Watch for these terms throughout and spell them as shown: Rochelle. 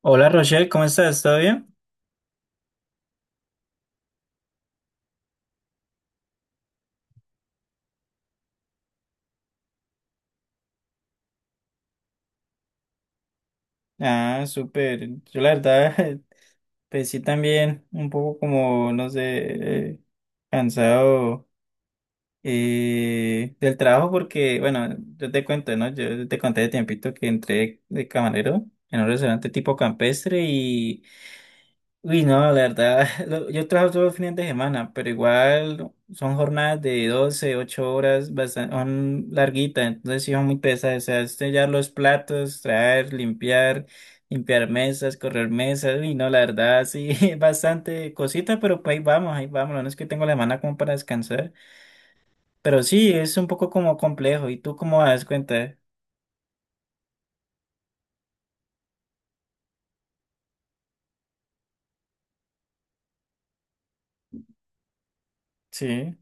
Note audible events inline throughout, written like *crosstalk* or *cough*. Hola Rochelle, ¿cómo estás? ¿Todo bien? Ah, súper. Yo la verdad, *laughs* pues sí también, un poco como, no sé, cansado del trabajo porque, bueno, yo te cuento, ¿no? Yo te conté de tiempito que entré de camarero en un restaurante tipo campestre y. Uy, no, la verdad, *laughs* yo trabajo todos los fines de semana, pero igual son jornadas de 12 8 horas, bastante, son larguitas, entonces sí son muy pesadas, o sea, es sellar los platos, traer, limpiar, limpiar mesas, correr mesas, uy, no, la verdad, sí, *laughs* es bastante cosita, pero pues ahí vamos, no es que tengo la semana como para descansar, pero sí, es un poco como complejo, ¿y tú cómo das cuenta? Sí,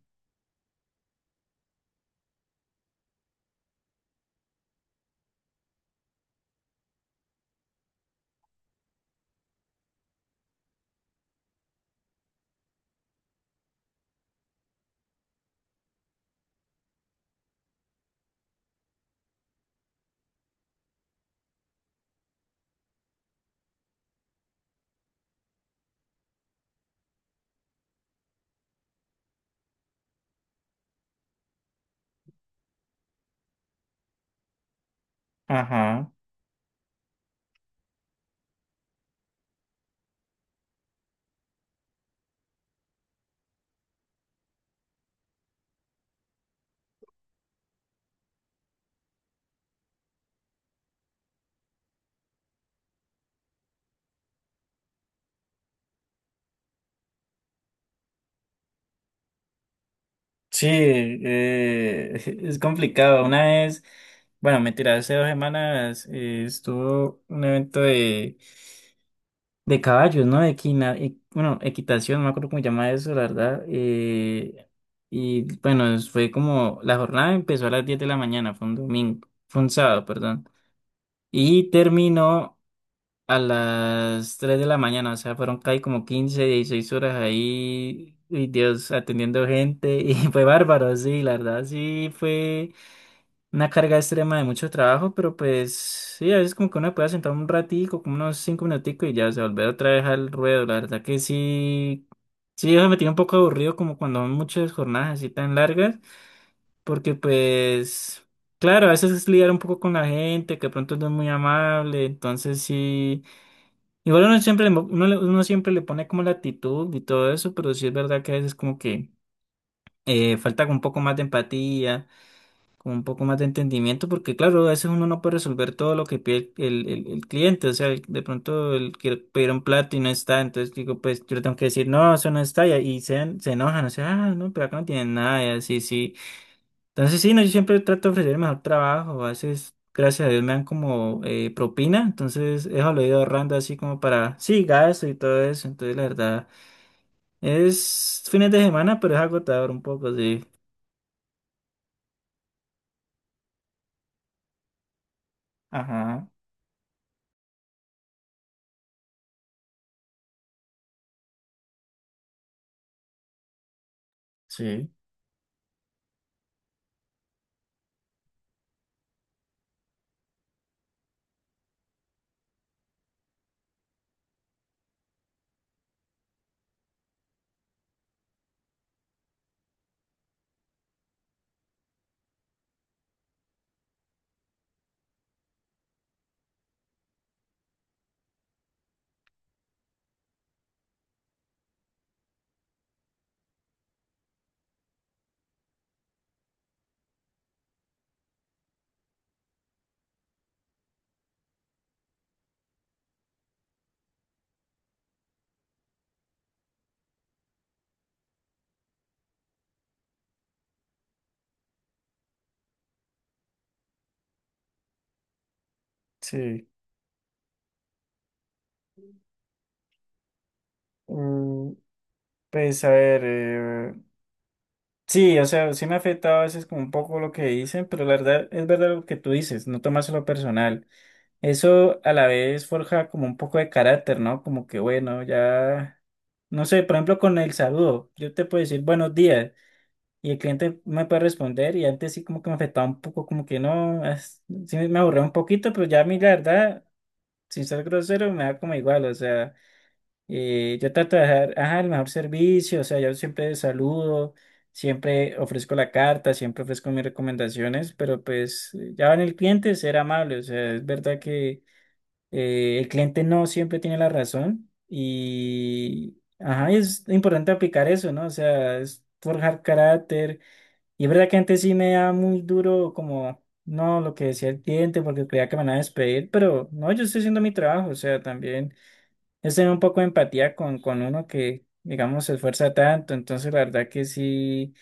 ajá. Sí, *laughs* es complicado. Una vez, bueno, mentira, hace 2 semanas estuvo un evento de caballos, ¿no? De bueno, equitación, no me acuerdo cómo se llama eso, la verdad. Y bueno, fue como, la jornada empezó a las 10 de la mañana, fue un domingo, fue un sábado, perdón. Y terminó a las 3 de la mañana, o sea, fueron casi como 15 16 horas ahí, y Dios, atendiendo gente, *laughs* y fue bárbaro, sí, la verdad, sí, fue una carga extrema de mucho trabajo, pero pues, sí, a veces como que uno puede sentar un ratico, como unos 5 minuticos, y ya, o sea volver otra vez al ruedo, la verdad que sí, sí, eso me tiene un poco aburrido, como cuando son muchas jornadas así tan largas, porque pues... Claro, a veces es lidiar un poco con la gente, que de pronto no es muy amable, entonces sí, igual uno siempre, le mo- uno, le- uno siempre le pone como la actitud y todo eso, pero sí es verdad que a veces como que falta como un poco más de empatía, como un poco más de entendimiento, porque claro, a veces uno no puede resolver todo lo que pide el cliente, o sea, el- de pronto él quiere pedir un plato y no está, entonces digo, pues yo le tengo que decir, no, eso no está, y se enojan, o sea, ah, no, pero acá no tienen nada, y así, sí. Entonces sí, no, yo siempre trato de ofrecer el mejor trabajo. A veces, gracias a Dios, me dan como propina. Entonces eso lo he ido ahorrando así como para, sí, gasto y todo eso. Entonces la verdad, es fines de semana, pero es agotador un poco, sí. Ajá, sí, sí. Mm, pues a ver, sí, o sea, sí me ha afectado a veces como un poco lo que dicen, pero la verdad es verdad lo que tú dices, no tomárselo personal. Eso a la vez forja como un poco de carácter, ¿no? Como que bueno, ya, no sé, por ejemplo con el saludo, yo te puedo decir buenos días y el cliente me puede responder y antes sí como que me afectaba un poco, como que no, sí me aburría un poquito, pero ya a mí la verdad, sin ser grosero, me da como igual, o sea, yo trato de dejar, ajá, el mejor servicio, o sea, yo siempre saludo, siempre ofrezco la carta, siempre ofrezco mis recomendaciones, pero pues ya va en el cliente ser amable, o sea, es verdad que el cliente no siempre tiene la razón y ajá, es importante aplicar eso, ¿no? O sea, es forjar carácter. Y es verdad que antes sí me da muy duro como, no, lo que decía el cliente porque creía que me van a despedir, pero no, yo estoy haciendo mi trabajo, o sea, también es tener un poco de empatía con uno que, digamos, se esfuerza tanto, entonces la verdad que sí,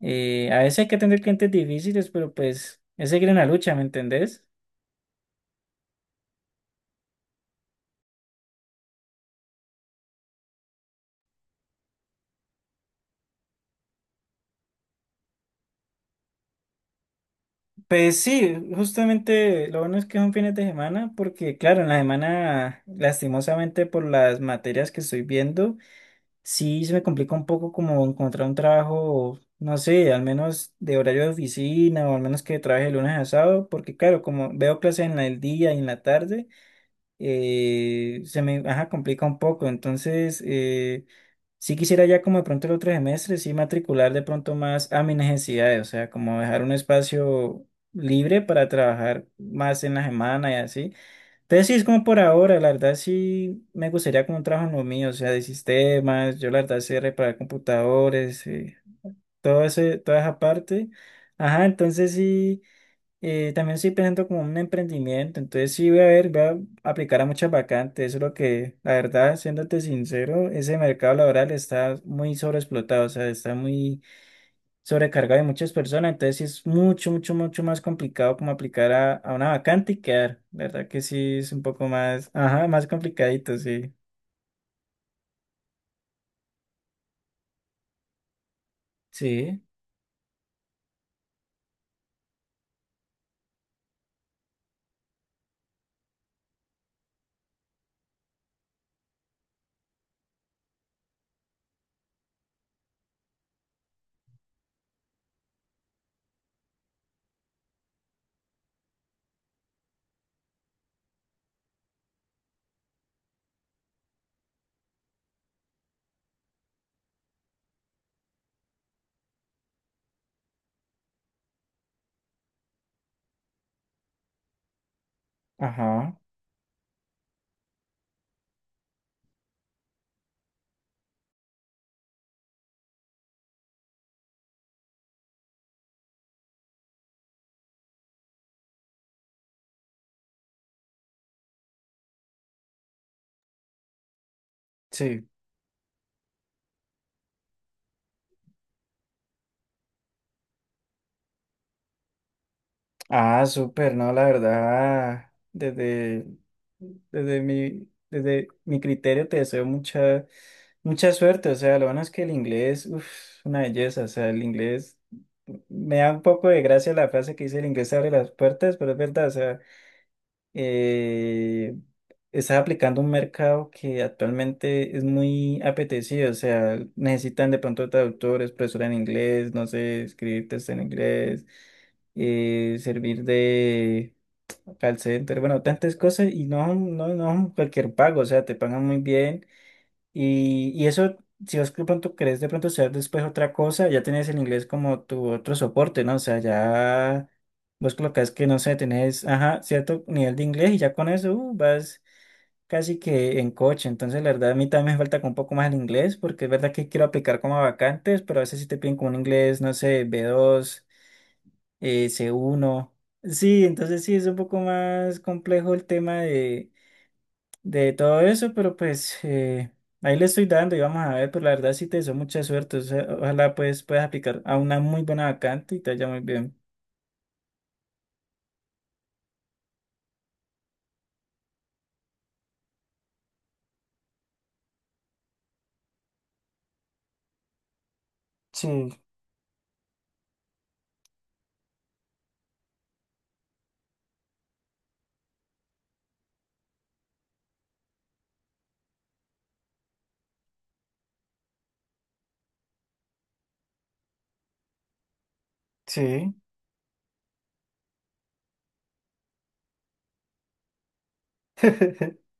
a veces hay que atender clientes difíciles, pero pues es seguir en la lucha, ¿me entendés? Pues sí, justamente lo bueno es que son fines de semana, porque claro, en la semana, lastimosamente por las materias que estoy viendo, sí se me complica un poco como encontrar un trabajo, no sé, al menos de horario de oficina o al menos que trabaje de lunes a sábado, porque claro, como veo clases en el día y en la tarde se me ajá, complica un poco. Entonces, sí quisiera ya como de pronto el otro semestre, sí matricular de pronto más a mis necesidades, o sea, como dejar un espacio libre para trabajar más en la semana y así. Entonces, sí, es como por ahora, la verdad sí me gustaría como un trabajo en lo mío, o sea, de sistemas, yo la verdad sé reparar computadores, todo ese, toda esa parte. Ajá, entonces sí. También estoy pensando como un emprendimiento, entonces sí voy a ver, voy a aplicar a muchas vacantes, eso es lo que, la verdad, siéndote sincero, ese mercado laboral está muy sobreexplotado, o sea, está muy sobrecargado de muchas personas, entonces sí es mucho, mucho, mucho más complicado como aplicar a una vacante y quedar, la verdad que sí es un poco más, ajá, más complicadito, sí, sí, ajá, sí. Ah, súper, no, la verdad, desde mi criterio te deseo mucha, mucha suerte, o sea, lo bueno es que el inglés, uff, una belleza, o sea, el inglés, me da un poco de gracia la frase que dice el inglés abre las puertas, pero es verdad, o sea, eh, estás aplicando un mercado que actualmente es muy apetecido, o sea, necesitan de pronto traductores, profesora en inglés, no sé, escribir test en inglés, servir de call center, bueno, tantas cosas y no cualquier pago, o sea, te pagan muy bien. Y eso, si vos de pronto querés de pronto estudiar después otra cosa, ya tenés el inglés como tu otro soporte, ¿no? O sea, ya vos colocas que, no sé, tenés, ajá, cierto nivel de inglés y ya con eso vas casi que en coche. Entonces, la verdad, a mí también me falta como un poco más el inglés, porque es verdad que quiero aplicar como a vacantes, pero a veces sí te piden como un inglés, no sé, B2 C1. Sí, entonces sí, es un poco más complejo el tema de todo eso, pero pues ahí le estoy dando y vamos a ver, pero la verdad sí te deseo mucha suerte, o sea, ojalá pues puedas aplicar a una muy buena vacante y te vaya muy bien. Sí, sí. *laughs*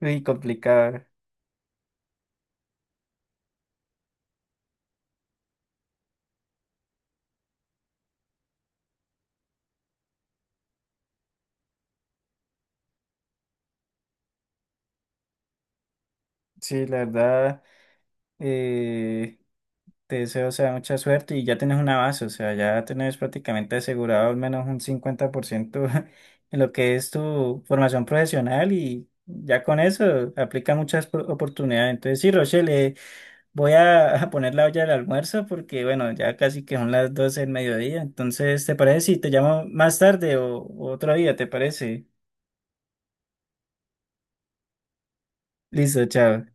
Muy complicado. Sí, la verdad, eh, te deseo, o sea, mucha suerte y ya tienes una base, o sea, ya tienes prácticamente asegurado al menos un 50% *laughs* en lo que es tu formación profesional y ya con eso aplica muchas oportunidades. Entonces, sí, Rochelle, voy a, *laughs* a poner la olla del almuerzo porque, bueno, ya casi que son las 12 del mediodía. Entonces, ¿te parece si te llamo más tarde o otro día? ¿Te parece? Listo, chao.